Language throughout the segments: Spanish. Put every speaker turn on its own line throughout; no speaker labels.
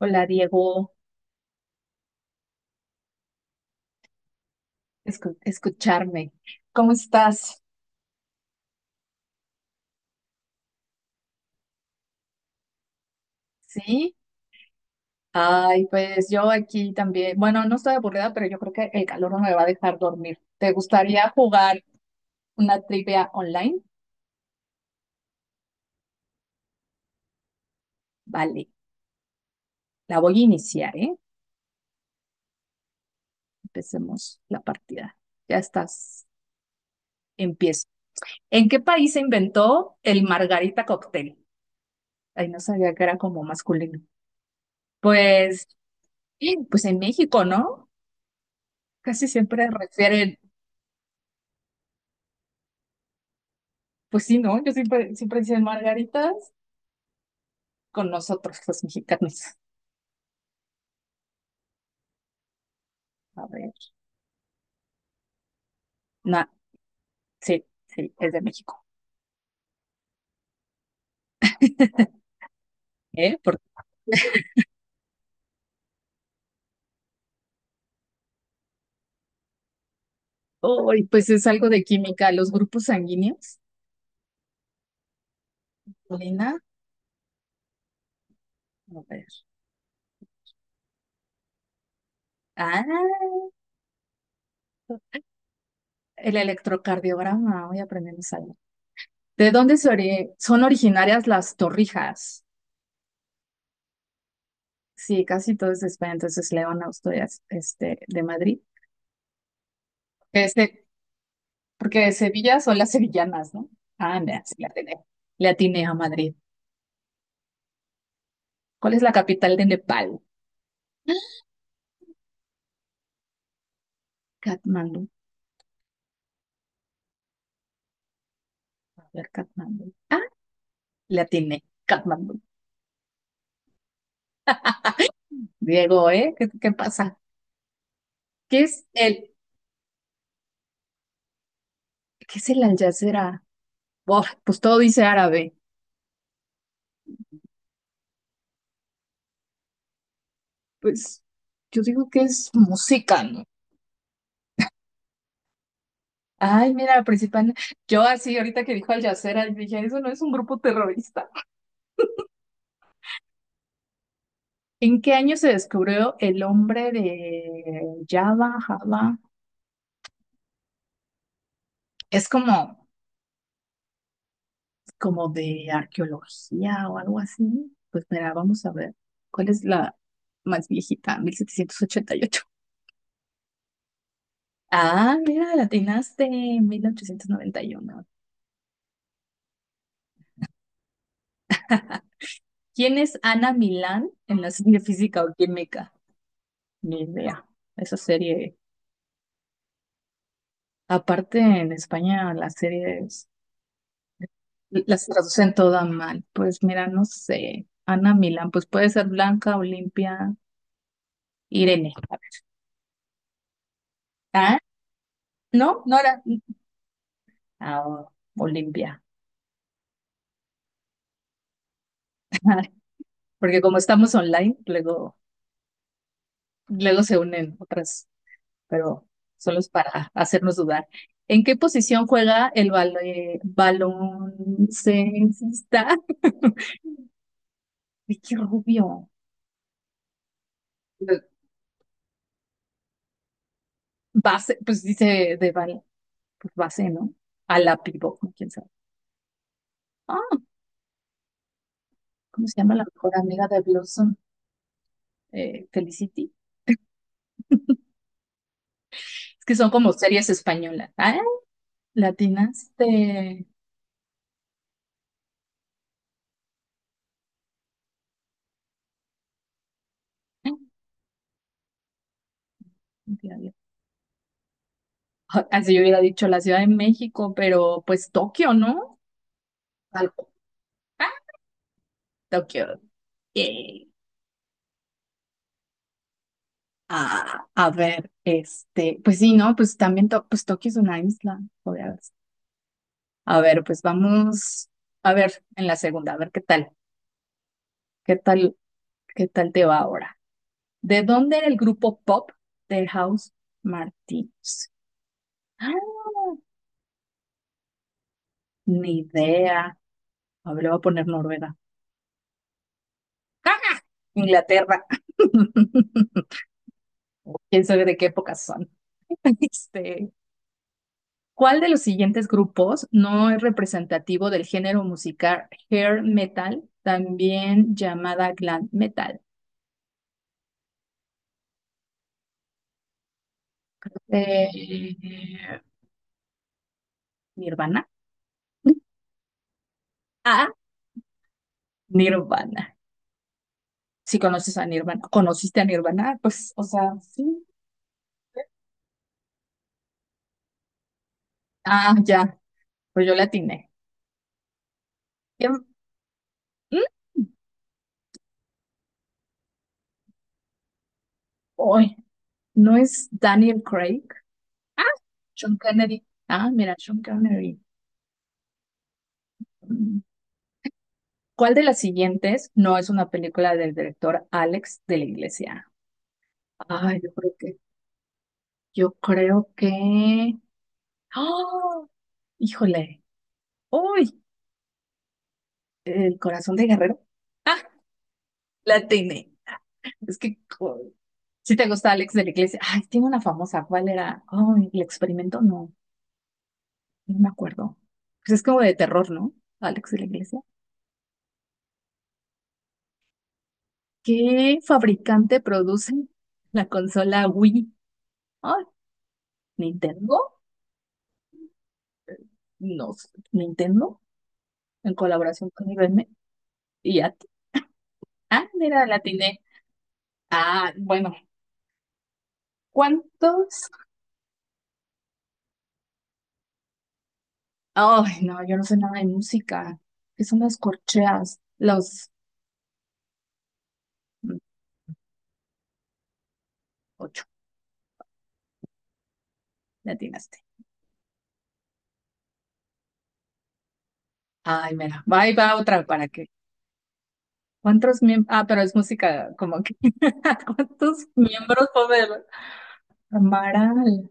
Hola Diego, escucharme. ¿Cómo estás? Sí. Ay, pues yo aquí también. Bueno, no estoy aburrida, pero yo creo que el calor no me va a dejar dormir. ¿Te gustaría jugar una trivia online? Vale, la voy a iniciar, ¿eh? Empecemos la partida. Ya estás. Empiezo. ¿En qué país se inventó el margarita cóctel? Ay, no sabía que era como masculino. Pues, sí, pues en México, ¿no? Casi siempre refieren. Pues sí, ¿no? Yo siempre, siempre dicen margaritas con nosotros, los mexicanos. A ver. Nah, sí, sí, es de México. ¿Eh? Porque, uy, pues es algo de química. Los grupos sanguíneos, Lina, a ver. Ah, el electrocardiograma, hoy aprendemos algo. ¿De dónde son originarias las torrijas? Sí, casi todo es de España, entonces León, Asturias, de Madrid. Este, porque de Sevilla son las sevillanas, ¿no? Ah, mira, sí, le atiné a Madrid. ¿Cuál es la capital de Nepal? Katmandú. A ver, Katmandú. Ah, la tiene. Katmandú. Diego, ¿eh? ¿Qué pasa? ¿Qué es el, ¿qué es el Al Jazeera? Buah, pues todo dice árabe. Pues yo digo que es música, ¿no? Ay, mira, la principal. Yo así, ahorita que dijo Al Jazeera, yo dije, eso no es un grupo terrorista. ¿En qué año se descubrió el hombre de Java, Java? Es como de arqueología o algo así. Pues mira, vamos a ver cuál es la más viejita, 1788. Ah, mira, la atinaste 1891. ¿Quién es Ana Milán en la serie Física o Química? Ni idea. Esa serie, aparte en España, las series las traducen toda mal. Pues mira, no sé. Ana Milán, pues puede ser Blanca, Olimpia, Irene. Ah, no, no era. Ah, Olimpia. Porque como estamos online, luego se unen otras, pero solo es para hacernos dudar. ¿En qué posición juega el balón baloncestista? Ay, qué rubio. De- Base, pues dice de bal, pues base, ¿no? A la pivot, ¿no? Quién sabe. Ah, ¿cómo se llama la mejor amiga de Blossom? Felicity. Es que son como series españolas. Ah, latinas de... Así yo hubiera dicho la Ciudad de México, pero pues Tokio, ¿no? Tal cual. Ah, Tokio. Yay. Ah, a ver, pues sí, ¿no? Pues también pues Tokio es una isla. Obvias. A ver, pues vamos a ver en la segunda, a ver qué tal, qué tal te va ahora. ¿De dónde era el grupo pop de House Martins? Ah, ni idea. A ver, le voy a poner Noruega. ¡Ah! Inglaterra. ¿Quién sabe de qué época son? Este, ¿cuál de los siguientes grupos no es representativo del género musical hair metal, también llamada glam metal? Eh, Nirvana. A. Nirvana. Si conoces a Nirvana, conociste a Nirvana, pues, o sea, sí. Ah, ya, pues yo la atiné. Em, mm, Uy, ¿no es Daniel Craig? Sean Kennedy. Ah, mira, Sean Connery. ¿Cuál de las siguientes no es una película del director Alex de la Iglesia? Ay, yo creo que, ¡oh! ¡Híjole! ¡Uy! El corazón de Guerrero. ¡Ah! La tiene. Es que, si te gusta Alex de la Iglesia. Ay, tiene una famosa. ¿Cuál era? Ay, el experimento. No, no me acuerdo. Pues es como de terror, ¿no? Alex de la Iglesia. ¿Qué fabricante produce la consola Wii? Ay, ¿Nintendo? No, sé. ¿Nintendo? En colaboración con IBM. Y ya, ah, mira, la atiné. Ah, bueno, ¿cuántos? Ay, no, yo no sé nada de música. ¿Qué son las corcheas? Los mm, ocho, la atinaste. Ay, mira, va y va otra para que. ¿Cuántos miembros? Ah, pero es música como que. ¿Cuántos miembros puede haber? ¿Amaral?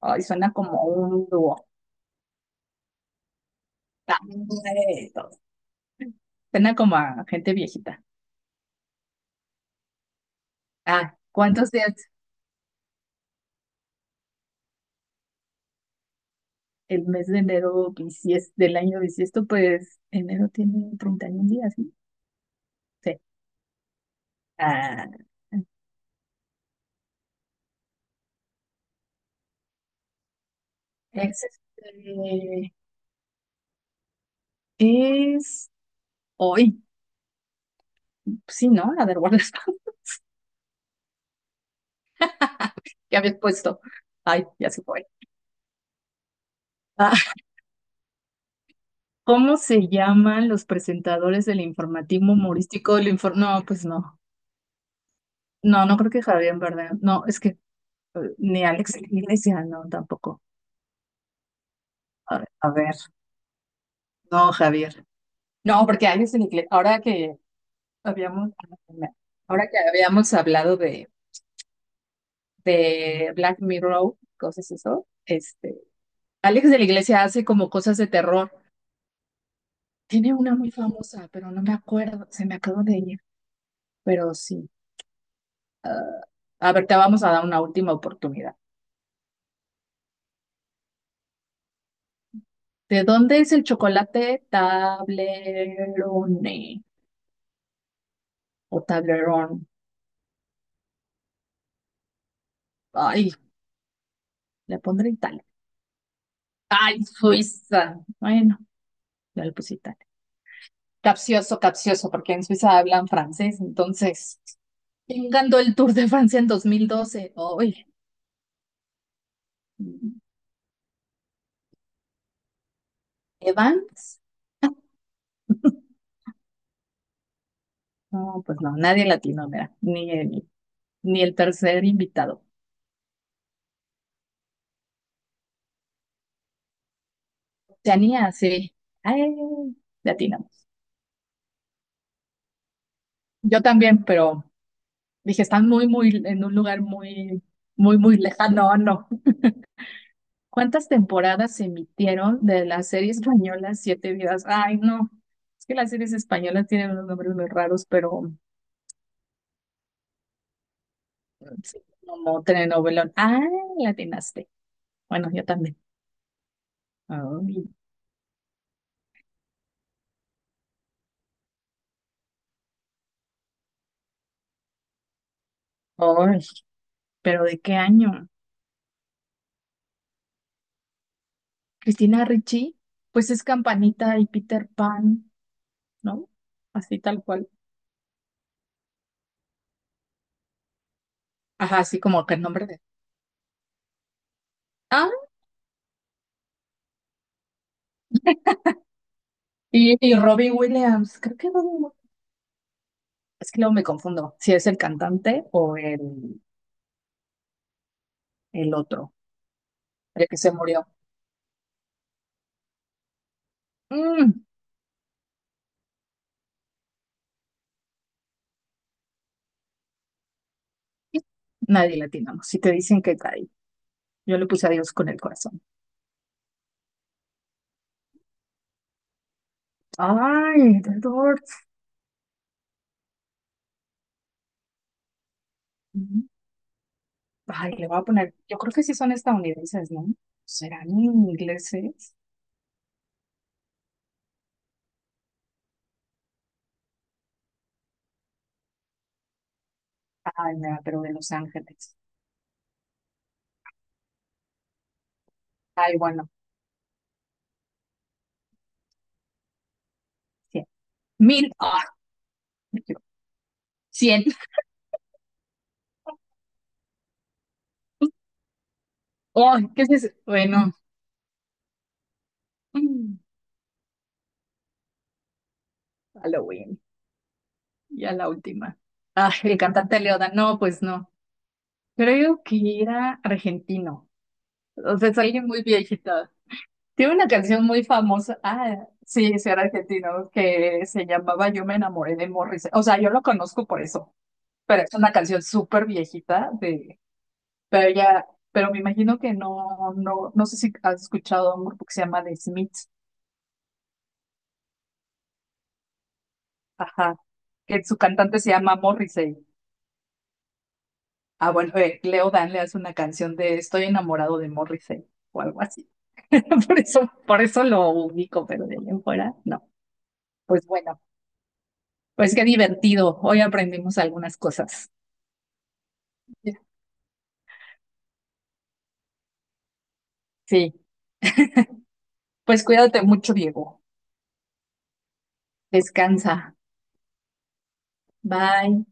Ay, suena como un dúo. Ah, eso. Suena como a gente viejita. Ah, ¿cuántos días? El mes de enero del año bisiesto, pues enero tiene 31 días, ¿no? Sí. Ah, es, este, es hoy. Sí, ¿no? La del guardaespaldas que habías puesto. Ay, ya se fue. Ah, ¿cómo se llaman los presentadores del informativo humorístico? No, pues no. No, no creo que Javier verdad. No, es que ni Alex de la Iglesia, no, tampoco. A ver, a ver. No, Javier. No, porque Alex de la Iglesia, ahora que Habíamos, habíamos hablado de Black Mirror, cosas eso, Alex de la Iglesia hace como cosas de terror. Tiene una muy famosa, pero no me acuerdo, se me acabó de ella, pero sí. A ver, te vamos a dar una última oportunidad. ¿De dónde es el chocolate Tablerone o Tablerón? Ay, le pondré Italia. Ay, Suiza. Bueno, ya le puse Italia. Capcioso, capcioso, porque en Suiza hablan francés, entonces. ¿Quién ganó el Tour de Francia en 2012? Oye, ¿Evans? No, pues no, nadie latino, mira, ni el tercer invitado. Oceanía, sí. Ay, latinamos. Yo también, pero dije, están muy, muy, en un lugar muy, muy, muy lejano. No, no. ¿Cuántas temporadas se emitieron de la serie española Siete Vidas? Ay, no. Es que las series españolas tienen unos nombres muy raros, pero sí, como telenovelón. Ah, latinaste. Bueno, yo también. Ay, ay, pero ¿de qué año? Cristina Ricci, pues es Campanita y Peter Pan, ¿no? Así tal cual. Ajá, así como que el nombre de... Ah, y Robbie Williams, creo que no. Es que luego me confundo si es el cantante o el otro, el que se murió. Mm, nadie le atinamos. Si te dicen que cae, yo le puse a Dios con el corazón. Ay, The Doors. Ujú. Ay, le voy a poner, yo creo que sí son estadounidenses, ¿no? ¿Serán ingleses? Ay, mira, pero de Los Ángeles. Ay, bueno, 100. Mil. Ah, me equivoqué. 100. Oh, ¿qué es eso? Bueno, mm, Halloween. Ya la última. Ah, el cantante Leoda. No, pues no. Creo que era argentino. O sea, es alguien muy viejito. Tiene una canción muy famosa. Ah, sí, sí, era argentino, que se llamaba Yo me enamoré de Morris. O sea, yo lo conozco por eso. Pero es una canción súper viejita de. Pero ya, pero me imagino que no, no, no sé si has escuchado a un grupo que se llama The Smiths, ajá, que su cantante se llama Morrissey. Ah, bueno, Leo Dan le hace una canción de Estoy enamorado de Morrissey o algo así. Por eso lo ubico, pero de ahí en fuera, no. Pues bueno, pues qué divertido. Hoy aprendimos algunas cosas. Sí, pues cuídate mucho, Diego. Descansa. Bye.